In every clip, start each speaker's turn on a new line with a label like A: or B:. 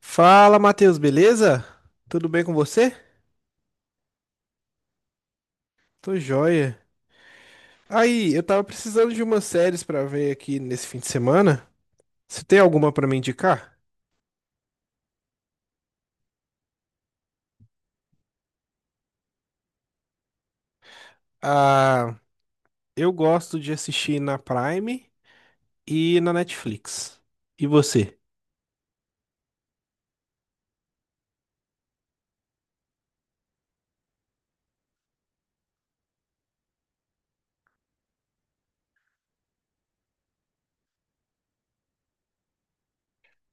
A: Fala, Matheus, beleza? Tudo bem com você? Tô joia. Aí, eu tava precisando de umas séries pra ver aqui nesse fim de semana. Você tem alguma pra me indicar? Ah, eu gosto de assistir na Prime e na Netflix. E você?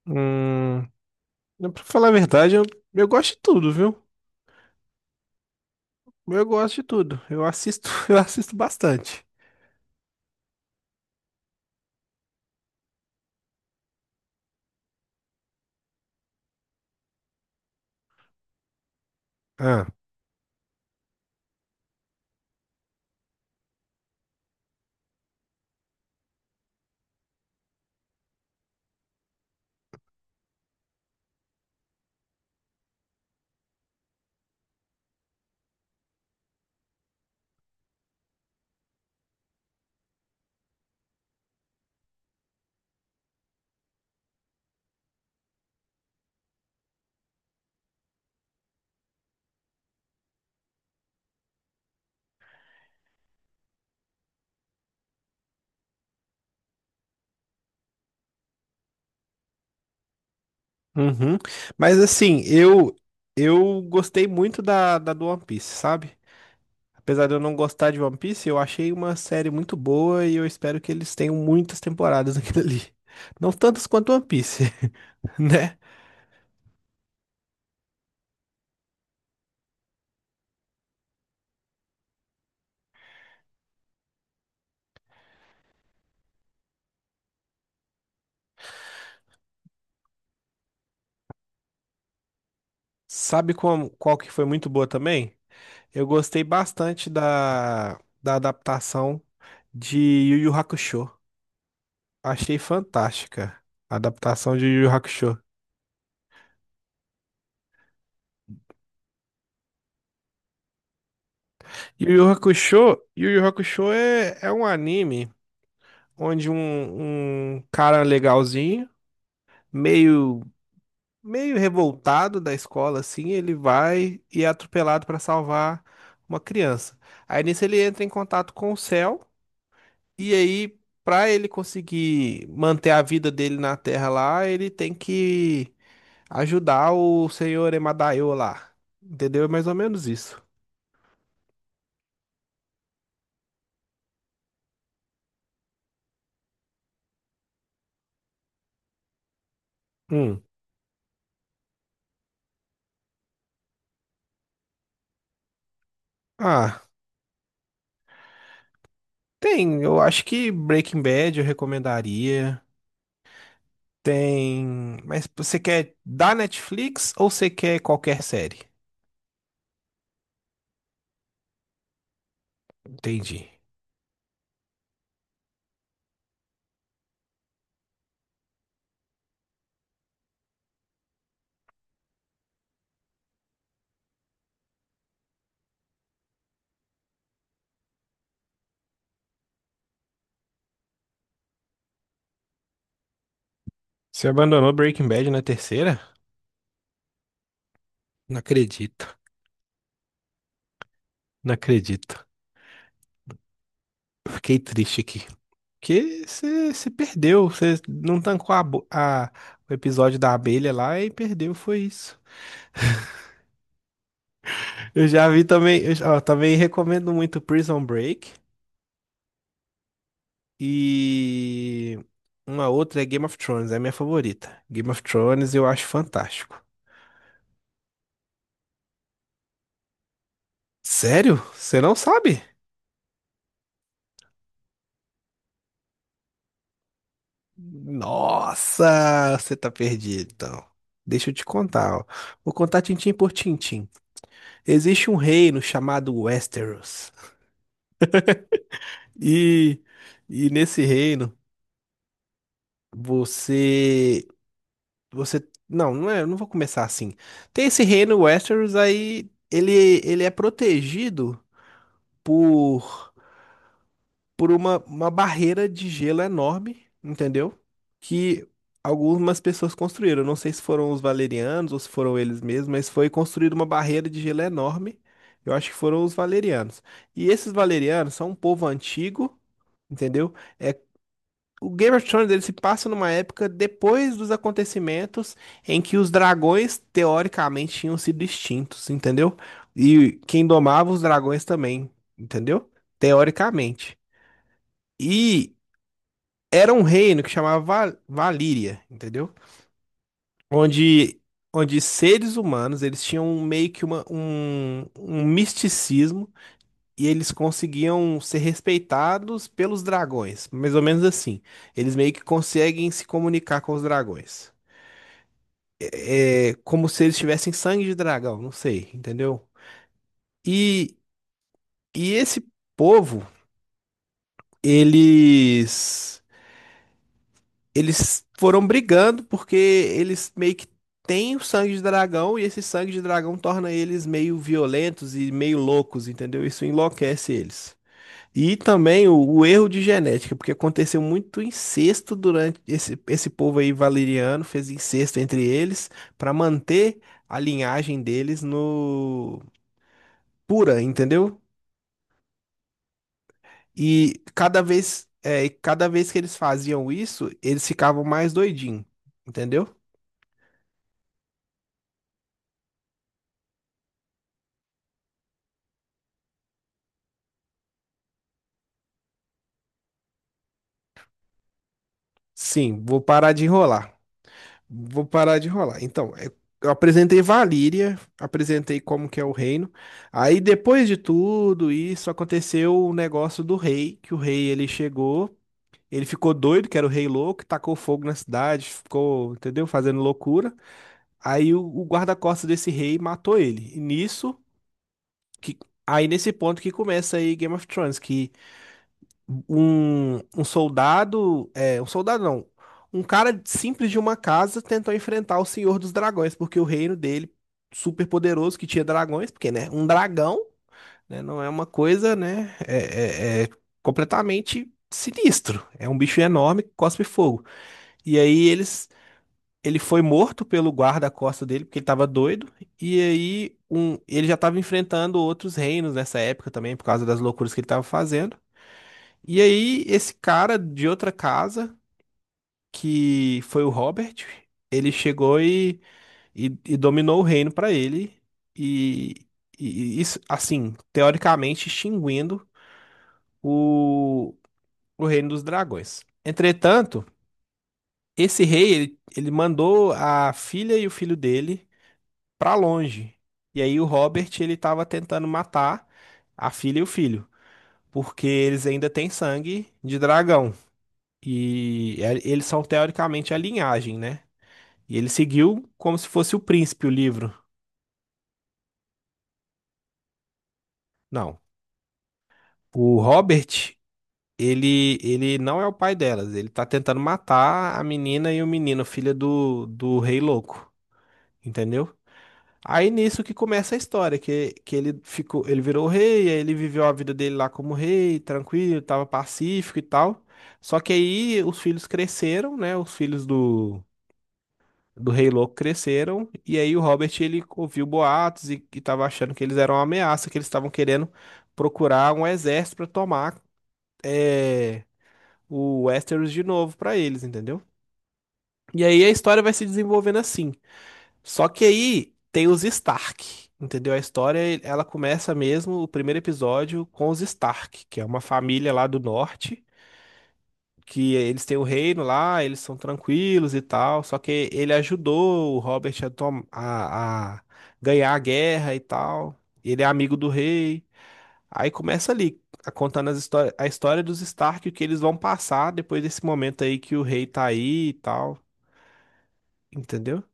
A: Hum, pra falar a verdade, eu gosto de tudo, viu? Eu gosto de tudo. Eu assisto, eu assisto bastante. Ah, uhum. Mas assim, eu gostei muito da, da do One Piece, sabe? Apesar de eu não gostar de One Piece, eu achei uma série muito boa e eu espero que eles tenham muitas temporadas naquilo ali. Não tantas quanto One Piece, né? Sabe como, qual que foi muito boa também? Eu gostei bastante da, da adaptação de Yu Yu Hakusho. Achei fantástica a adaptação de Yu Yu Hakusho. Yu Yu Hakusho, Yu Yu Hakusho é, é um anime onde um cara legalzinho, meio meio revoltado da escola, assim, ele vai e é atropelado para salvar uma criança. Aí nisso ele entra em contato com o céu, e aí, para ele conseguir manter a vida dele na Terra lá, ele tem que ajudar o senhor Emadaio lá. Entendeu? É mais ou menos isso. Hum. Ah, tem. Eu acho que Breaking Bad eu recomendaria. Tem. Mas você quer da Netflix ou você quer qualquer série? Entendi. Você abandonou Breaking Bad na terceira? Não acredito, não acredito. Fiquei triste aqui. Porque você perdeu, você não tancou a, a- o episódio da abelha lá e perdeu, foi isso. Eu já vi também, eu, já- ó, também recomendo muito Prison Break e uma outra é Game of Thrones, é a minha favorita. Game of Thrones eu acho fantástico. Sério? Você não sabe? Nossa, você tá perdido, então. Deixa eu te contar, ó. Vou contar tintim por tintim. Existe um reino chamado Westeros. E, e nesse reino, você, você, não, não é, eu não vou começar assim. Tem esse reino Westeros aí, ele é protegido por por uma barreira de gelo enorme, entendeu? Que algumas pessoas construíram. Não sei se foram os valerianos ou se foram eles mesmos, mas foi construída uma barreira de gelo enorme. Eu acho que foram os valerianos. E esses valerianos são um povo antigo, entendeu? É, o Game of Thrones ele se passa numa época depois dos acontecimentos em que os dragões, teoricamente, tinham sido extintos, entendeu? E quem domava os dragões também, entendeu? Teoricamente. E era um reino que chamava Va- Valíria, entendeu? Onde, onde seres humanos, eles tinham meio que uma, um misticismo e eles conseguiam ser respeitados pelos dragões, mais ou menos assim. Eles meio que conseguem se comunicar com os dragões. É como se eles tivessem sangue de dragão, não sei, entendeu? E, e esse povo, eles Eles foram brigando porque eles meio que têm o sangue de dragão e esse sangue de dragão torna eles meio violentos e meio loucos, entendeu? Isso enlouquece eles. E também o erro de genética, porque aconteceu muito incesto durante esse, esse povo aí valeriano, fez incesto entre eles para manter a linhagem deles no pura, entendeu? E cada vez, é, cada vez que eles faziam isso, eles ficavam mais doidinhos, entendeu? Sim, vou parar de enrolar. Vou parar de enrolar. Então, é- eu apresentei Valíria, apresentei como que é o reino. Aí, depois de tudo isso, aconteceu o negócio do rei, que o rei, ele chegou, ele ficou doido, que era o rei louco, tacou fogo na cidade, ficou, entendeu? Fazendo loucura. Aí, o guarda-costas desse rei matou ele. E nisso, que, aí nesse ponto que começa aí Game of Thrones, que um soldado, é, um soldado não, um cara simples de uma casa tentou enfrentar o Senhor dos Dragões, porque o reino dele, super poderoso, que tinha dragões, porque, né, um dragão, né, não é uma coisa, né, é, é- é completamente sinistro. É um bicho enorme que cospe fogo. E aí eles... Ele foi morto pelo guarda-costa dele, porque ele tava doido. E aí, um, ele já tava enfrentando outros reinos nessa época também, por causa das loucuras que ele tava fazendo. E aí, esse cara de outra casa, que foi o Robert, ele chegou e dominou o reino para ele. E, e isso, assim, teoricamente extinguindo o, o reino dos dragões. Entretanto, esse rei, ele mandou a filha e o filho dele para longe. E aí o Robert, ele tava tentando matar a filha e o filho, porque eles ainda têm sangue de dragão. E é- eles são teoricamente a linhagem, né? E ele seguiu como se fosse o príncipe o livro. Não. O Robert, ele não é o pai delas. Ele tá tentando matar a menina e o menino, filha do, do rei louco. Entendeu? Aí nisso que começa a história, que ele ficou, ele virou rei, aí ele viveu a vida dele lá como rei, tranquilo, tava pacífico e tal. Só que aí os filhos cresceram, né? Os filhos do Rei Louco cresceram, e aí o Robert ele ouviu boatos e tava achando que eles eram uma ameaça, que eles estavam querendo procurar um exército para tomar é, o Westeros de novo para eles, entendeu? E aí a história vai se desenvolvendo assim. Só que aí tem os Stark, entendeu? A história ela começa mesmo, o primeiro episódio, com os Stark, que é uma família lá do norte que eles têm o reino lá, eles são tranquilos e tal. Só que ele ajudou o Robert a, tom- a ganhar a guerra e tal. Ele é amigo do rei. Aí começa ali, a- contando as histó- a história dos Stark, o que eles vão passar depois desse momento aí que o rei tá aí e tal. Entendeu?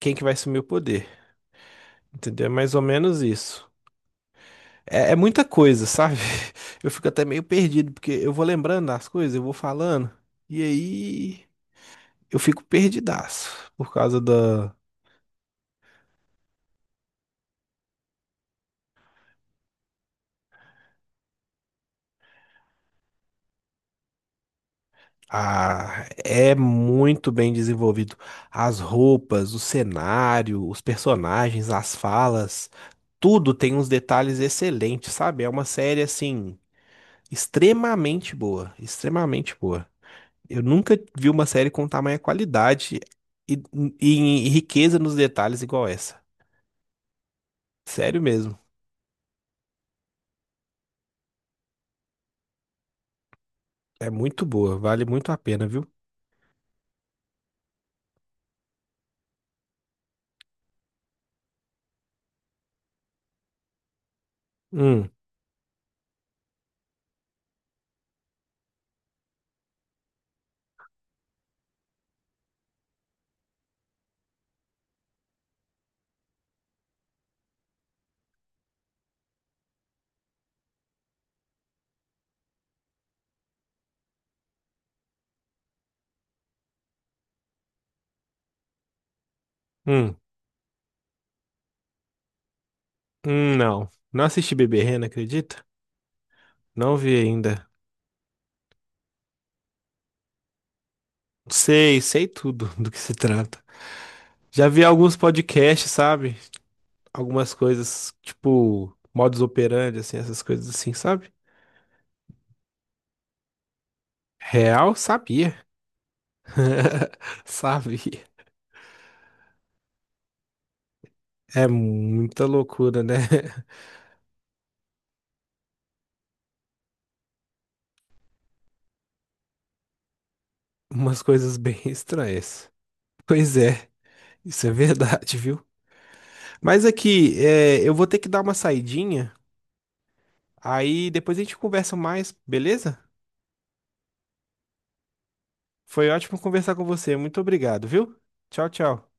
A: Quem que vai assumir o poder? Entendeu? É mais ou menos isso. É, é muita coisa, sabe? Eu fico até meio perdido, porque eu vou lembrando das coisas, eu vou falando. E aí. Eu fico perdidaço por causa da. Ah, é muito bem desenvolvido. As roupas, o cenário, os personagens, as falas, tudo tem uns detalhes excelentes, sabe? É uma série assim, extremamente boa, extremamente boa. Eu nunca vi uma série com tamanha qualidade e, e riqueza nos detalhes igual essa. Sério mesmo. É muito boa, vale muito a pena, viu? Hum, hum, não. Não assisti Beberrena, acredita? Não vi ainda. Sei, sei tudo do que se trata. Já vi alguns podcasts, sabe? Algumas coisas, tipo, modus operandi, assim, essas coisas assim, sabe? Real, sabia. Sabia. É muita loucura, né? Umas coisas bem estranhas. Pois é, isso é verdade, viu? Mas aqui, é, eu vou ter que dar uma saidinha. Aí depois a gente conversa mais, beleza? Foi ótimo conversar com você. Muito obrigado, viu? Tchau, tchau.